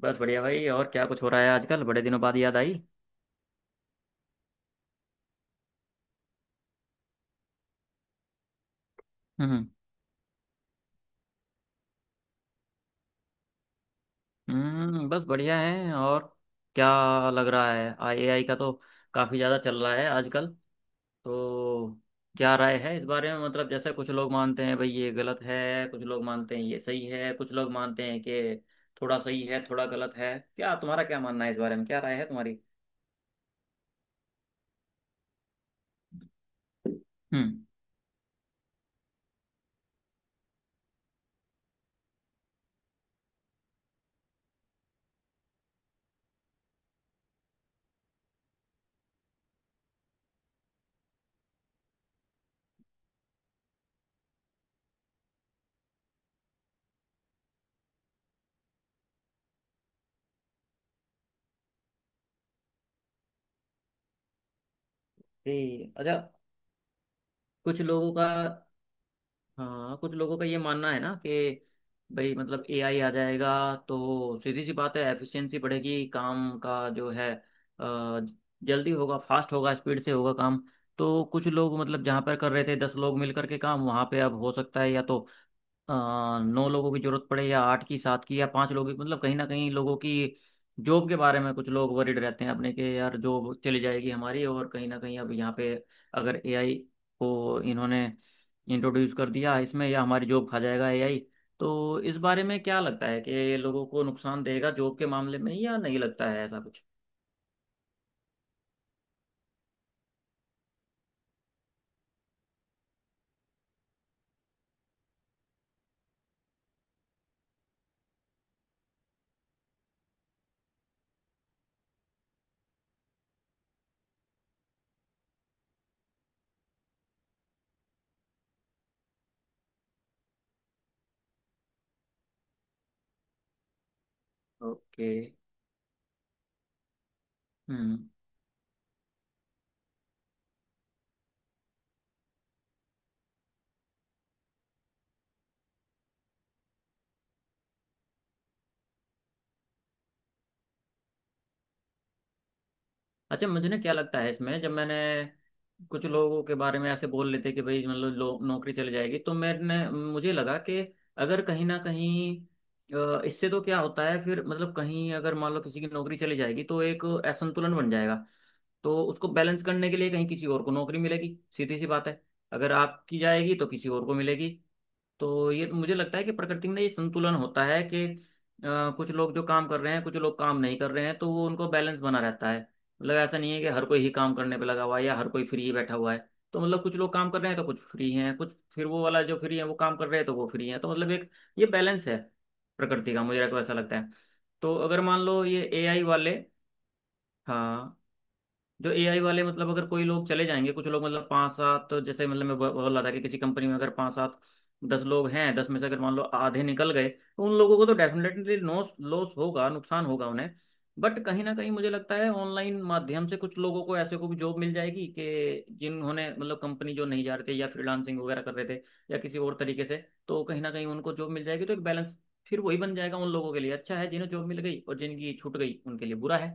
बस बढ़िया भाई। और क्या कुछ हो रहा है आजकल? बड़े दिनों बाद याद आई। हम्म। हम्म, बस बढ़िया है। और क्या लग रहा है एआई का? तो काफ़ी ज़्यादा चल रहा है आजकल, तो क्या राय है इस बारे में? मतलब जैसे कुछ लोग मानते हैं भाई ये गलत है, कुछ लोग मानते हैं ये सही है, कुछ लोग मानते हैं कि थोड़ा सही है थोड़ा गलत है। क्या तुम्हारा, क्या मानना है इस बारे में? क्या राय है तुम्हारी? हम्म। ये अच्छा। कुछ लोगों का, हाँ, कुछ लोगों का ये मानना है ना कि भाई मतलब एआई आ जाएगा तो सीधी सी बात है, एफिशिएंसी बढ़ेगी, काम का जो है जल्दी होगा, फास्ट होगा, स्पीड से होगा काम। तो कुछ लोग मतलब जहाँ पर कर रहे थे दस लोग मिल करके काम, वहाँ पे अब हो सकता है या तो अ, नौ लोगों की जरूरत पड़े, या आठ की, सात की, या पांच लोगों की। मतलब कहीं ना कहीं लोगों की जॉब के बारे में कुछ लोग वरीड रहते हैं अपने के, यार जॉब चली जाएगी हमारी। और कहीं ना कहीं अब यहाँ पे अगर एआई को इन्होंने इंट्रोड्यूस कर दिया इसमें, या हमारी जॉब खा जाएगा एआई। तो इस बारे में क्या लगता है कि लोगों को नुकसान देगा जॉब के मामले में, या नहीं लगता है ऐसा कुछ? ओके। हम्म। अच्छा, मुझे ना क्या लगता है इसमें, जब मैंने कुछ लोगों के बारे में ऐसे बोल लेते कि भाई मतलब लो नौकरी चली जाएगी, तो मैंने, मुझे लगा कि अगर कहीं ना कहीं इससे तो क्या होता है फिर, मतलब कहीं अगर मान लो किसी की नौकरी चली जाएगी तो एक असंतुलन बन जाएगा। तो उसको बैलेंस करने के लिए कहीं किसी और को नौकरी मिलेगी, सीधी सी बात है अगर आपकी जाएगी तो किसी और को मिलेगी। तो ये मुझे लगता है कि प्रकृति में ये संतुलन होता है कि कुछ लोग जो काम कर रहे हैं, कुछ लोग काम नहीं कर रहे हैं, तो वो उनको बैलेंस बना रहता है। मतलब ऐसा नहीं है कि हर कोई ही काम करने पे लगा हुआ है, या हर कोई फ्री बैठा हुआ है। तो मतलब कुछ लोग काम कर रहे हैं तो कुछ फ्री हैं, कुछ फिर वो वाला जो फ्री है वो काम कर रहे हैं तो वो फ्री है। तो मतलब एक ये बैलेंस है प्रकृति का, मुझे ऐसा लगता है। तो अगर मान लो ये एआई वाले, हाँ, जो एआई वाले मतलब अगर कोई लोग चले जाएंगे कुछ लोग, मतलब पाँच सात, तो जैसे मतलब मैं बोल रहा था कि किसी कंपनी में अगर पाँच सात दस लोग हैं, दस में से अगर मान लो आधे निकल गए, तो उन लोगों को तो डेफिनेटली लॉस लॉस होगा, नुकसान होगा उन्हें। बट कहीं ना कहीं मुझे लगता है ऑनलाइन माध्यम से कुछ लोगों को ऐसे को भी जॉब मिल जाएगी, कि जिन्होंने मतलब कंपनी जो नहीं जा रहे थे या फ्रीलांसिंग वगैरह कर रहे थे या किसी और तरीके से, तो कहीं ना कहीं उनको जॉब मिल जाएगी। तो एक बैलेंस फिर वही बन जाएगा। उन लोगों के लिए अच्छा है जिन्हें जॉब मिल गई, और जिनकी छूट गई उनके लिए बुरा है।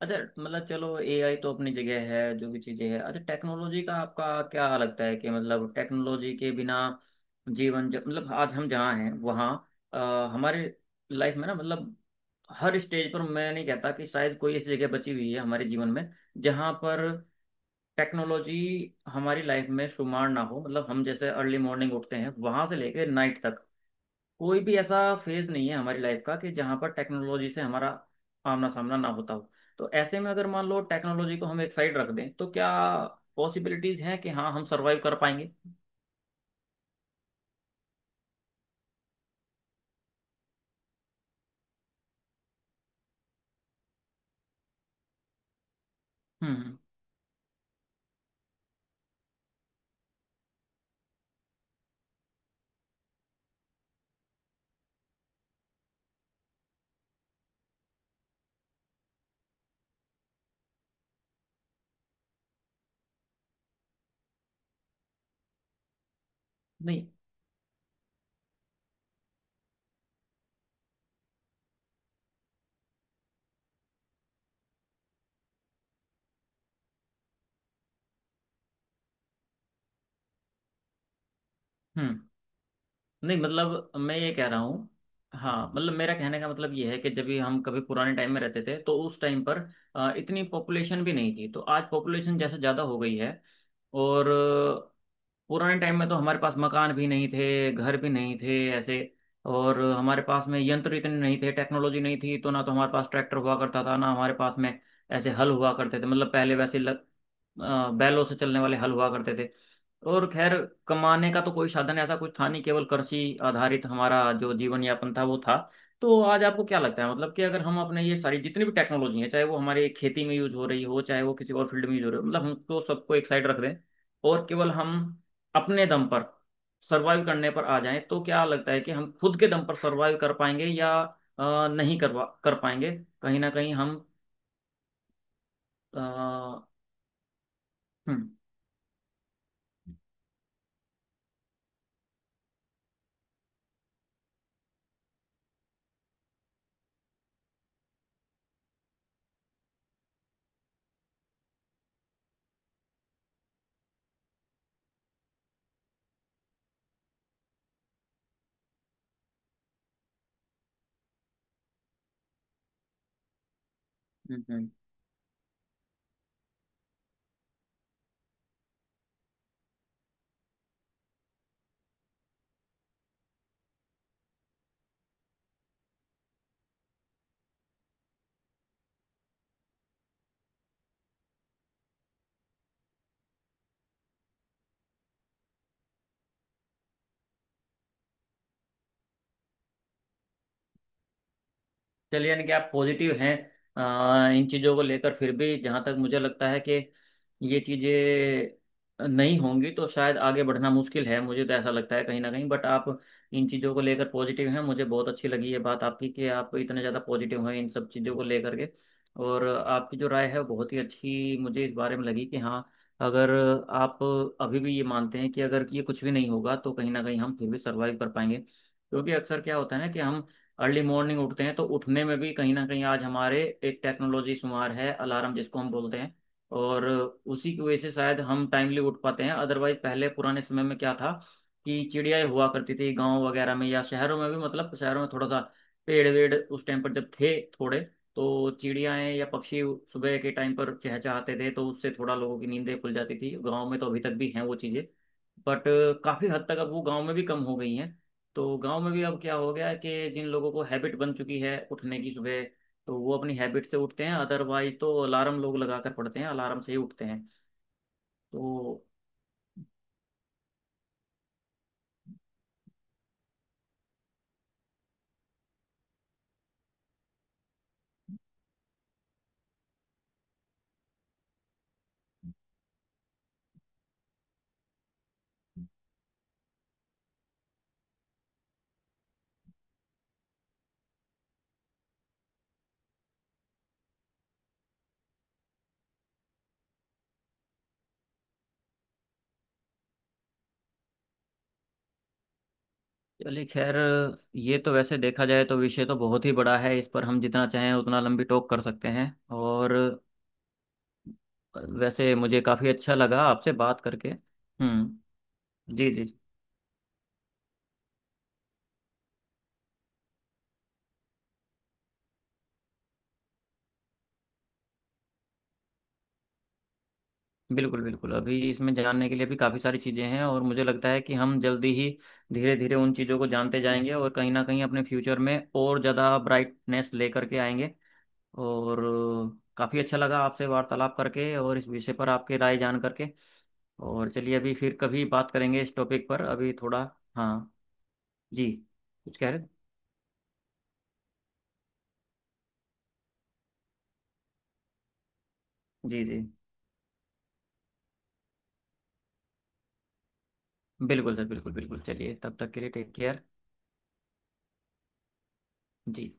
अच्छा, मतलब चलो एआई तो अपनी जगह है जो भी चीजें हैं। अच्छा, टेक्नोलॉजी का आपका क्या लगता है कि मतलब टेक्नोलॉजी के बिना जीवन मतलब आज हम जहाँ हैं वहाँ अ, हमारे लाइफ में ना, मतलब हर स्टेज पर, मैं नहीं कहता कि शायद कोई ऐसी जगह बची हुई है हमारे जीवन में जहाँ पर टेक्नोलॉजी हमारी लाइफ में शुमार ना हो। मतलब हम जैसे अर्ली मॉर्निंग उठते हैं वहां से लेकर नाइट तक कोई भी ऐसा फेज नहीं है हमारी लाइफ का कि जहां पर टेक्नोलॉजी से हमारा आमना सामना ना होता हो। तो ऐसे में अगर मान लो टेक्नोलॉजी को हम एक साइड रख दें, तो क्या पॉसिबिलिटीज हैं कि हाँ हम सरवाइव कर पाएंगे? हम्म। नहीं। हम्म। नहीं, मतलब मैं ये कह रहा हूँ, हाँ, मतलब मेरा कहने का मतलब ये है कि जब भी हम कभी पुराने टाइम में रहते थे, तो उस टाइम पर इतनी पॉपुलेशन भी नहीं थी, तो आज पॉपुलेशन जैसे ज़्यादा हो गई है। और पुराने टाइम में तो हमारे पास मकान भी नहीं थे, घर भी नहीं थे ऐसे। और हमारे पास में यंत्र इतने नहीं थे, टेक्नोलॉजी नहीं थी, तो ना तो हमारे पास ट्रैक्टर हुआ करता था, ना हमारे पास में ऐसे हल हुआ करते थे। मतलब पहले वैसे बैलों से चलने वाले हल हुआ करते थे। और खैर, कमाने का तो कोई साधन ऐसा कुछ था नहीं, केवल कृषि आधारित हमारा जो जीवन यापन था वो था। तो आज आपको क्या लगता है मतलब, कि अगर हम अपने ये सारी जितनी भी टेक्नोलॉजी है, चाहे वो हमारे खेती में यूज हो रही हो, चाहे वो किसी और फील्ड में यूज हो रही हो, मतलब हमको सबको एक साइड रख दें, और केवल हम अपने दम पर सर्वाइव करने पर आ जाएं, तो क्या लगता है कि हम खुद के दम पर सर्वाइव कर पाएंगे या नहीं करवा कर पाएंगे कहीं ना कहीं हम? हम्म। हम्म। हम्म। चलिए, यानी कि आप पॉजिटिव हैं इन चीज़ों को लेकर। फिर भी जहाँ तक मुझे लगता है कि ये चीज़ें नहीं होंगी तो शायद आगे बढ़ना मुश्किल है, मुझे तो ऐसा लगता है कहीं ना कहीं। बट आप इन चीज़ों को लेकर पॉजिटिव हैं, मुझे बहुत अच्छी लगी ये बात आपकी कि आप इतने ज़्यादा पॉजिटिव हैं इन सब चीज़ों को लेकर के। और आपकी जो राय है वो बहुत ही अच्छी मुझे इस बारे में लगी, कि हाँ, अगर आप अभी भी ये मानते हैं कि अगर ये कुछ भी नहीं होगा तो कहीं ना कहीं हम फिर भी सर्वाइव कर पाएंगे। क्योंकि अक्सर क्या होता है ना, कि हम अर्ली मॉर्निंग उठते हैं तो उठने में भी कहीं ना कहीं आज हमारे एक टेक्नोलॉजी शुमार है, अलार्म, जिसको हम बोलते हैं। और उसी की वजह से शायद हम टाइमली उठ पाते हैं, अदरवाइज पहले पुराने समय में क्या था, कि चिड़ियाएं हुआ करती थी गांव वगैरह में या शहरों में भी। मतलब शहरों में थोड़ा सा पेड़ वेड़ उस टाइम पर जब थे थोड़े, तो चिड़ियाएं या पक्षी सुबह के टाइम पर चहचहाते थे, तो उससे थोड़ा लोगों की नींदें खुल जाती थी गांव में। तो अभी तक भी हैं वो चीज़ें, बट काफ़ी हद तक अब वो गांव में भी कम हो गई हैं। तो गांव में भी अब क्या हो गया है, कि जिन लोगों को हैबिट बन चुकी है उठने की सुबह, तो वो अपनी हैबिट से उठते हैं, अदरवाइज तो अलार्म लोग लगा कर पड़ते हैं, अलार्म से ही उठते हैं। तो चलिए खैर, ये तो वैसे देखा जाए तो विषय तो बहुत ही बड़ा है, इस पर हम जितना चाहें उतना लंबी टोक कर सकते हैं। और वैसे मुझे काफ़ी अच्छा लगा आपसे बात करके। हम्म। जी जी। बिल्कुल, बिल्कुल अभी इसमें जानने के लिए भी काफ़ी सारी चीज़ें हैं, और मुझे लगता है कि हम जल्दी ही धीरे धीरे उन चीज़ों को जानते जाएंगे और कहीं ना कहीं अपने फ्यूचर में और ज़्यादा ब्राइटनेस लेकर के आएंगे। और काफ़ी अच्छा लगा आपसे वार्तालाप करके और इस विषय पर आपके राय जान करके। और चलिए अभी फिर कभी बात करेंगे इस टॉपिक पर, अभी थोड़ा, हाँ। जी, कुछ कह रहे, जी जी। बिल्कुल सर, बिल्कुल बिल्कुल। चलिए तब तक के लिए टेक केयर। जी।